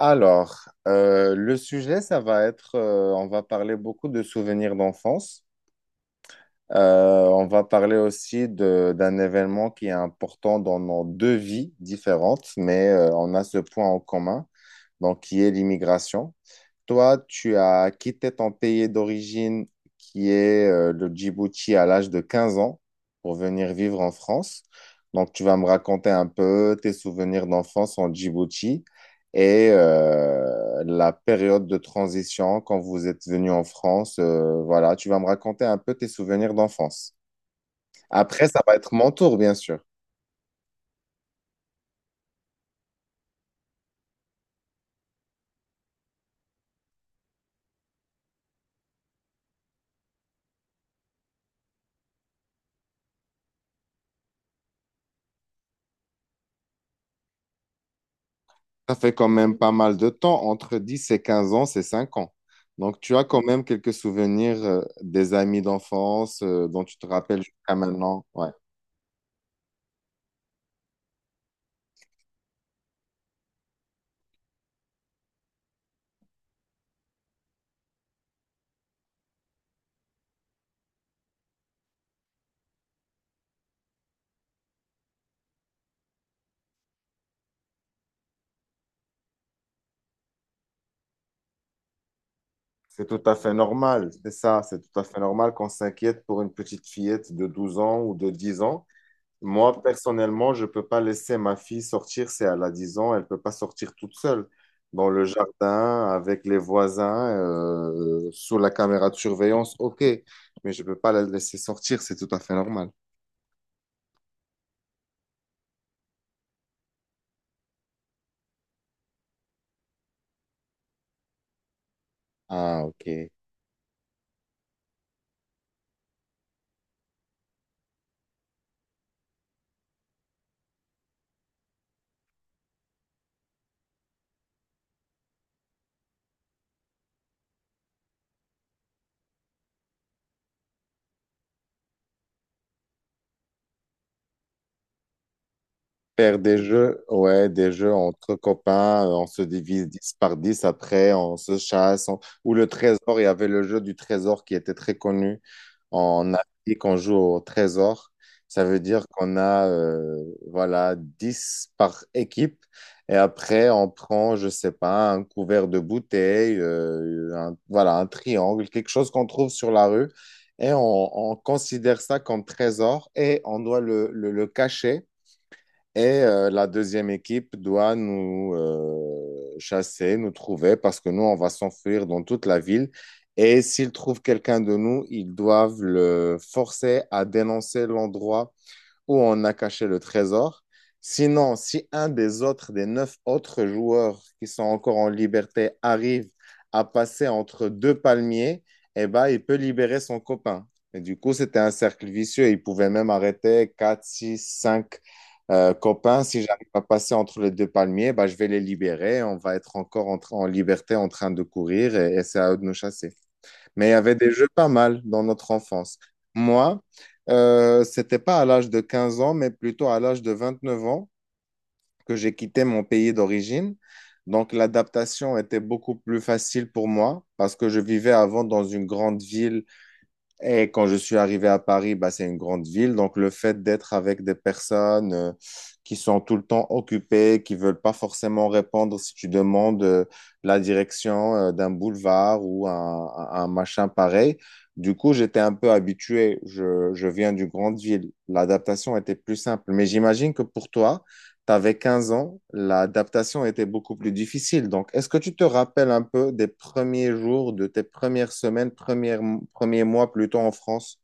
Alors, le sujet, ça va être, on va parler beaucoup de souvenirs d'enfance. On va parler aussi d'un événement qui est important dans nos deux vies différentes, mais on a ce point en commun, donc qui est l'immigration. Toi, tu as quitté ton pays d'origine, qui est le Djibouti, à l'âge de 15 ans, pour venir vivre en France. Donc, tu vas me raconter un peu tes souvenirs d'enfance en Djibouti et la période de transition quand vous êtes venu en France. Voilà, tu vas me raconter un peu tes souvenirs d'enfance. Après, ça va être mon tour, bien sûr. Ça fait quand même pas mal de temps, entre 10 et 15 ans, c'est 5 ans. Donc tu as quand même quelques souvenirs des amis d'enfance dont tu te rappelles jusqu'à maintenant. Ouais. C'est tout à fait normal, c'est ça, c'est tout à fait normal qu'on s'inquiète pour une petite fillette de 12 ans ou de 10 ans. Moi, personnellement, je ne peux pas laisser ma fille sortir, c'est elle a 10 ans, elle ne peut pas sortir toute seule dans le jardin, avec les voisins, sous la caméra de surveillance, ok, mais je ne peux pas la laisser sortir, c'est tout à fait normal. Ah, ok. Faire des jeux, ouais, des jeux entre copains, on se divise 10 par 10 après, on se chasse. Ou le trésor, il y avait le jeu du trésor qui était très connu en Afrique, on joue au trésor. Ça veut dire qu'on a, voilà, 10 par équipe. Et après, on prend, je sais pas, un couvert de bouteille, voilà, un triangle, quelque chose qu'on trouve sur la rue. Et on considère ça comme trésor et on doit le cacher et la deuxième équipe doit nous chasser, nous trouver, parce que nous, on va s'enfuir dans toute la ville. Et s'ils trouvent quelqu'un de nous, ils doivent le forcer à dénoncer l'endroit où on a caché le trésor. Sinon, si un des autres, des neuf autres joueurs qui sont encore en liberté arrive à passer entre deux palmiers, eh ben, il peut libérer son copain. Et du coup, c'était un cercle vicieux. Il pouvait même arrêter 4, 6, 5 copains. Si j'arrive à passer entre les deux palmiers, ben, je vais les libérer. On va être encore en, en liberté en train de courir et c'est à eux de nous chasser. Mais il y avait des jeux pas mal dans notre enfance. Moi, c'était pas à l'âge de 15 ans, mais plutôt à l'âge de 29 ans que j'ai quitté mon pays d'origine. Donc l'adaptation était beaucoup plus facile pour moi parce que je vivais avant dans une grande ville et quand je suis arrivé à Paris, bah, c'est une grande ville. Donc, le fait d'être avec des personnes qui sont tout le temps occupées, qui veulent pas forcément répondre si tu demandes la direction d'un boulevard ou un machin pareil. Du coup, j'étais un peu habitué. Je viens d'une grande ville. L'adaptation était plus simple. Mais j'imagine que pour toi, t'avais 15 ans, l'adaptation était beaucoup plus difficile. Donc, est-ce que tu te rappelles un peu des premiers jours, de tes premières semaines, premiers mois plutôt en France?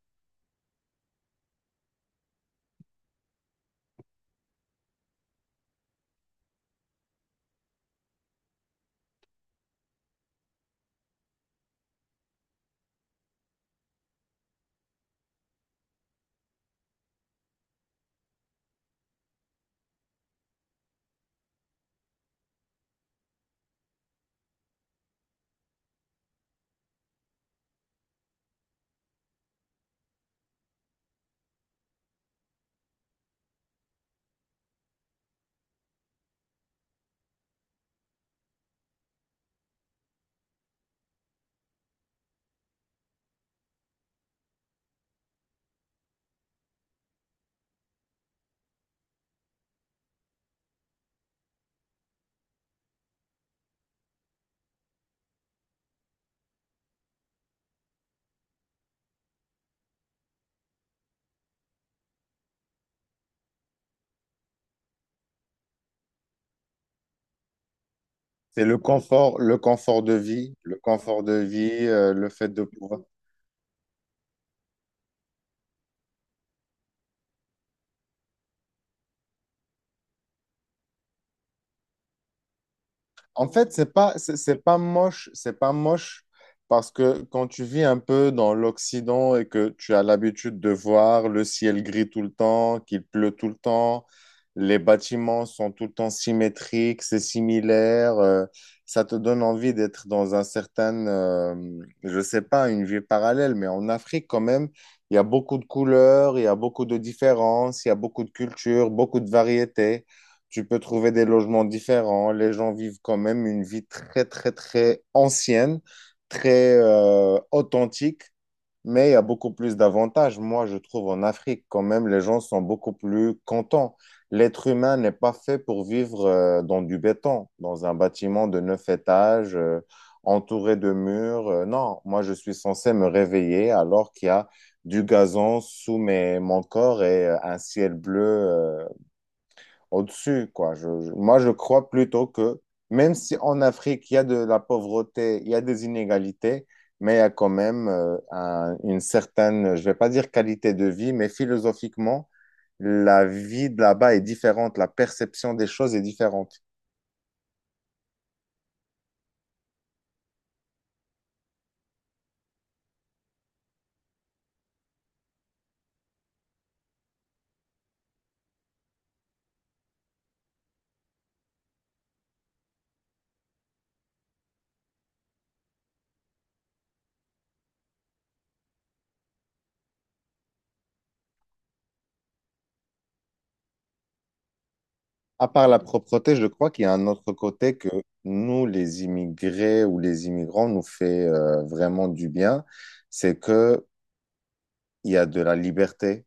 C'est le confort, le confort de vie, le fait de pouvoir. En fait, c'est pas, c'est pas moche, c'est pas moche parce que quand tu vis un peu dans l'Occident et que tu as l'habitude de voir le ciel gris tout le temps, qu'il pleut tout le temps, les bâtiments sont tout le temps symétriques, c'est similaire, ça te donne envie d'être dans un certain, je sais pas, une vie parallèle, mais en Afrique quand même, il y a beaucoup de couleurs, il y a beaucoup de différences, il y a beaucoup de cultures, beaucoup de variétés. Tu peux trouver des logements différents. Les gens vivent quand même une vie très, très, très ancienne, très authentique, mais il y a beaucoup plus d'avantages. Moi, je trouve en Afrique, quand même, les gens sont beaucoup plus contents. L'être humain n'est pas fait pour vivre dans du béton, dans un bâtiment de neuf étages, entouré de murs. Non, moi, je suis censé me réveiller alors qu'il y a du gazon sous mes, mon corps et un ciel bleu au-dessus, quoi. Moi, je crois plutôt que même si en Afrique, il y a de la pauvreté, il y a des inégalités, mais il y a quand même une certaine, je vais pas dire qualité de vie, mais philosophiquement, la vie de là-bas est différente, la perception des choses est différente. À part la propreté, je crois qu'il y a un autre côté que nous, les immigrés ou les immigrants, nous fait vraiment du bien, c'est que il y a de la liberté,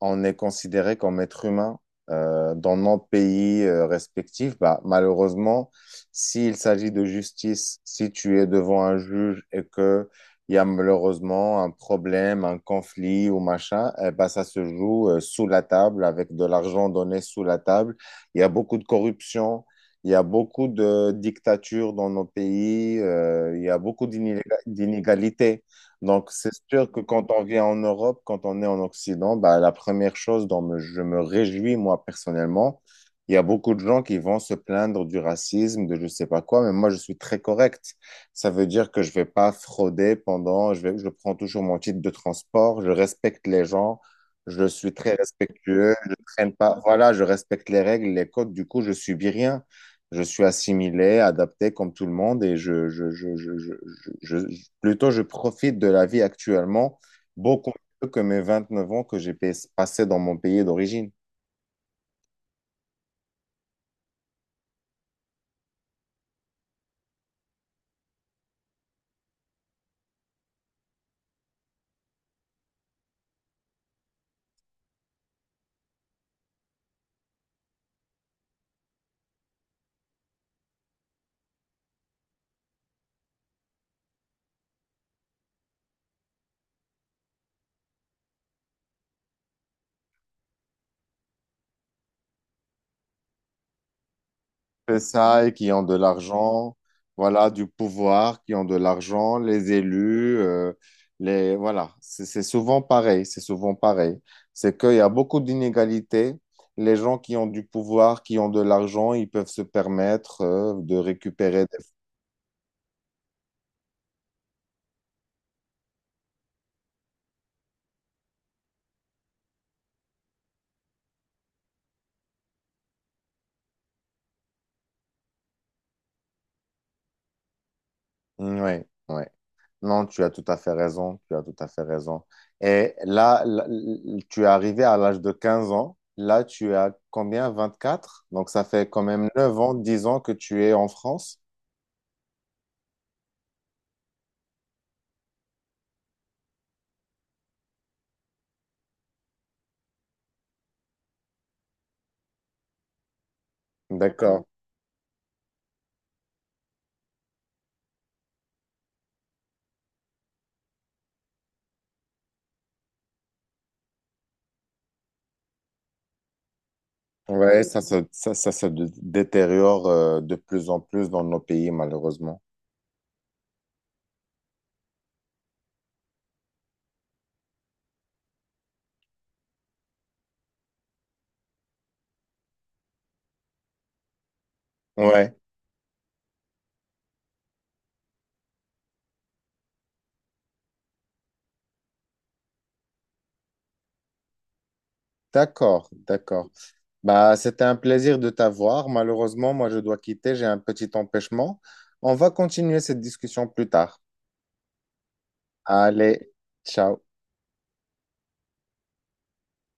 on est considéré comme être humain dans nos pays respectifs. Bah, malheureusement, s'il s'agit de justice, si tu es devant un juge et que il y a malheureusement un problème, un conflit ou machin, eh ben, ça se joue sous la table, avec de l'argent donné sous la table. Il y a beaucoup de corruption, il y a beaucoup de dictatures dans nos pays, il y a beaucoup d'inégalités, donc c'est sûr que quand on vient en Europe, quand on est en Occident, bah, la première chose dont je me réjouis, moi, personnellement, il y a beaucoup de gens qui vont se plaindre du racisme, de je sais pas quoi, mais moi, je suis très correct. Ça veut dire que je vais pas frauder pendant, je vais, je prends toujours mon titre de transport, je respecte les gens, je suis très respectueux, je traîne pas, voilà, je respecte les règles, les codes, du coup, je subis rien. Je suis assimilé, adapté comme tout le monde je, plutôt, je profite de la vie actuellement beaucoup mieux que mes 29 ans que j'ai passé dans mon pays d'origine. C'est ça, et qui ont de l'argent, voilà, du pouvoir, qui ont de l'argent, les élus, les, voilà, c'est souvent pareil, c'est souvent pareil. C'est qu'il y a beaucoup d'inégalités. Les gens qui ont du pouvoir, qui ont de l'argent, ils peuvent se permettre, de récupérer des... Ouais, ouais. Non, tu as tout à fait raison, tu as tout à fait raison. Et là, là, tu es arrivé à l'âge de 15 ans. Là, tu as combien? Vingt-quatre. Donc, ça fait quand même 9 ans, 10 ans que tu es en France. D'accord. Ouais, ça se détériore de plus en plus dans nos pays, malheureusement. Ouais. D'accord, d'accord. Bah, c'était un plaisir de t'avoir. Malheureusement, moi, je dois quitter, j'ai un petit empêchement. On va continuer cette discussion plus tard. Allez, ciao.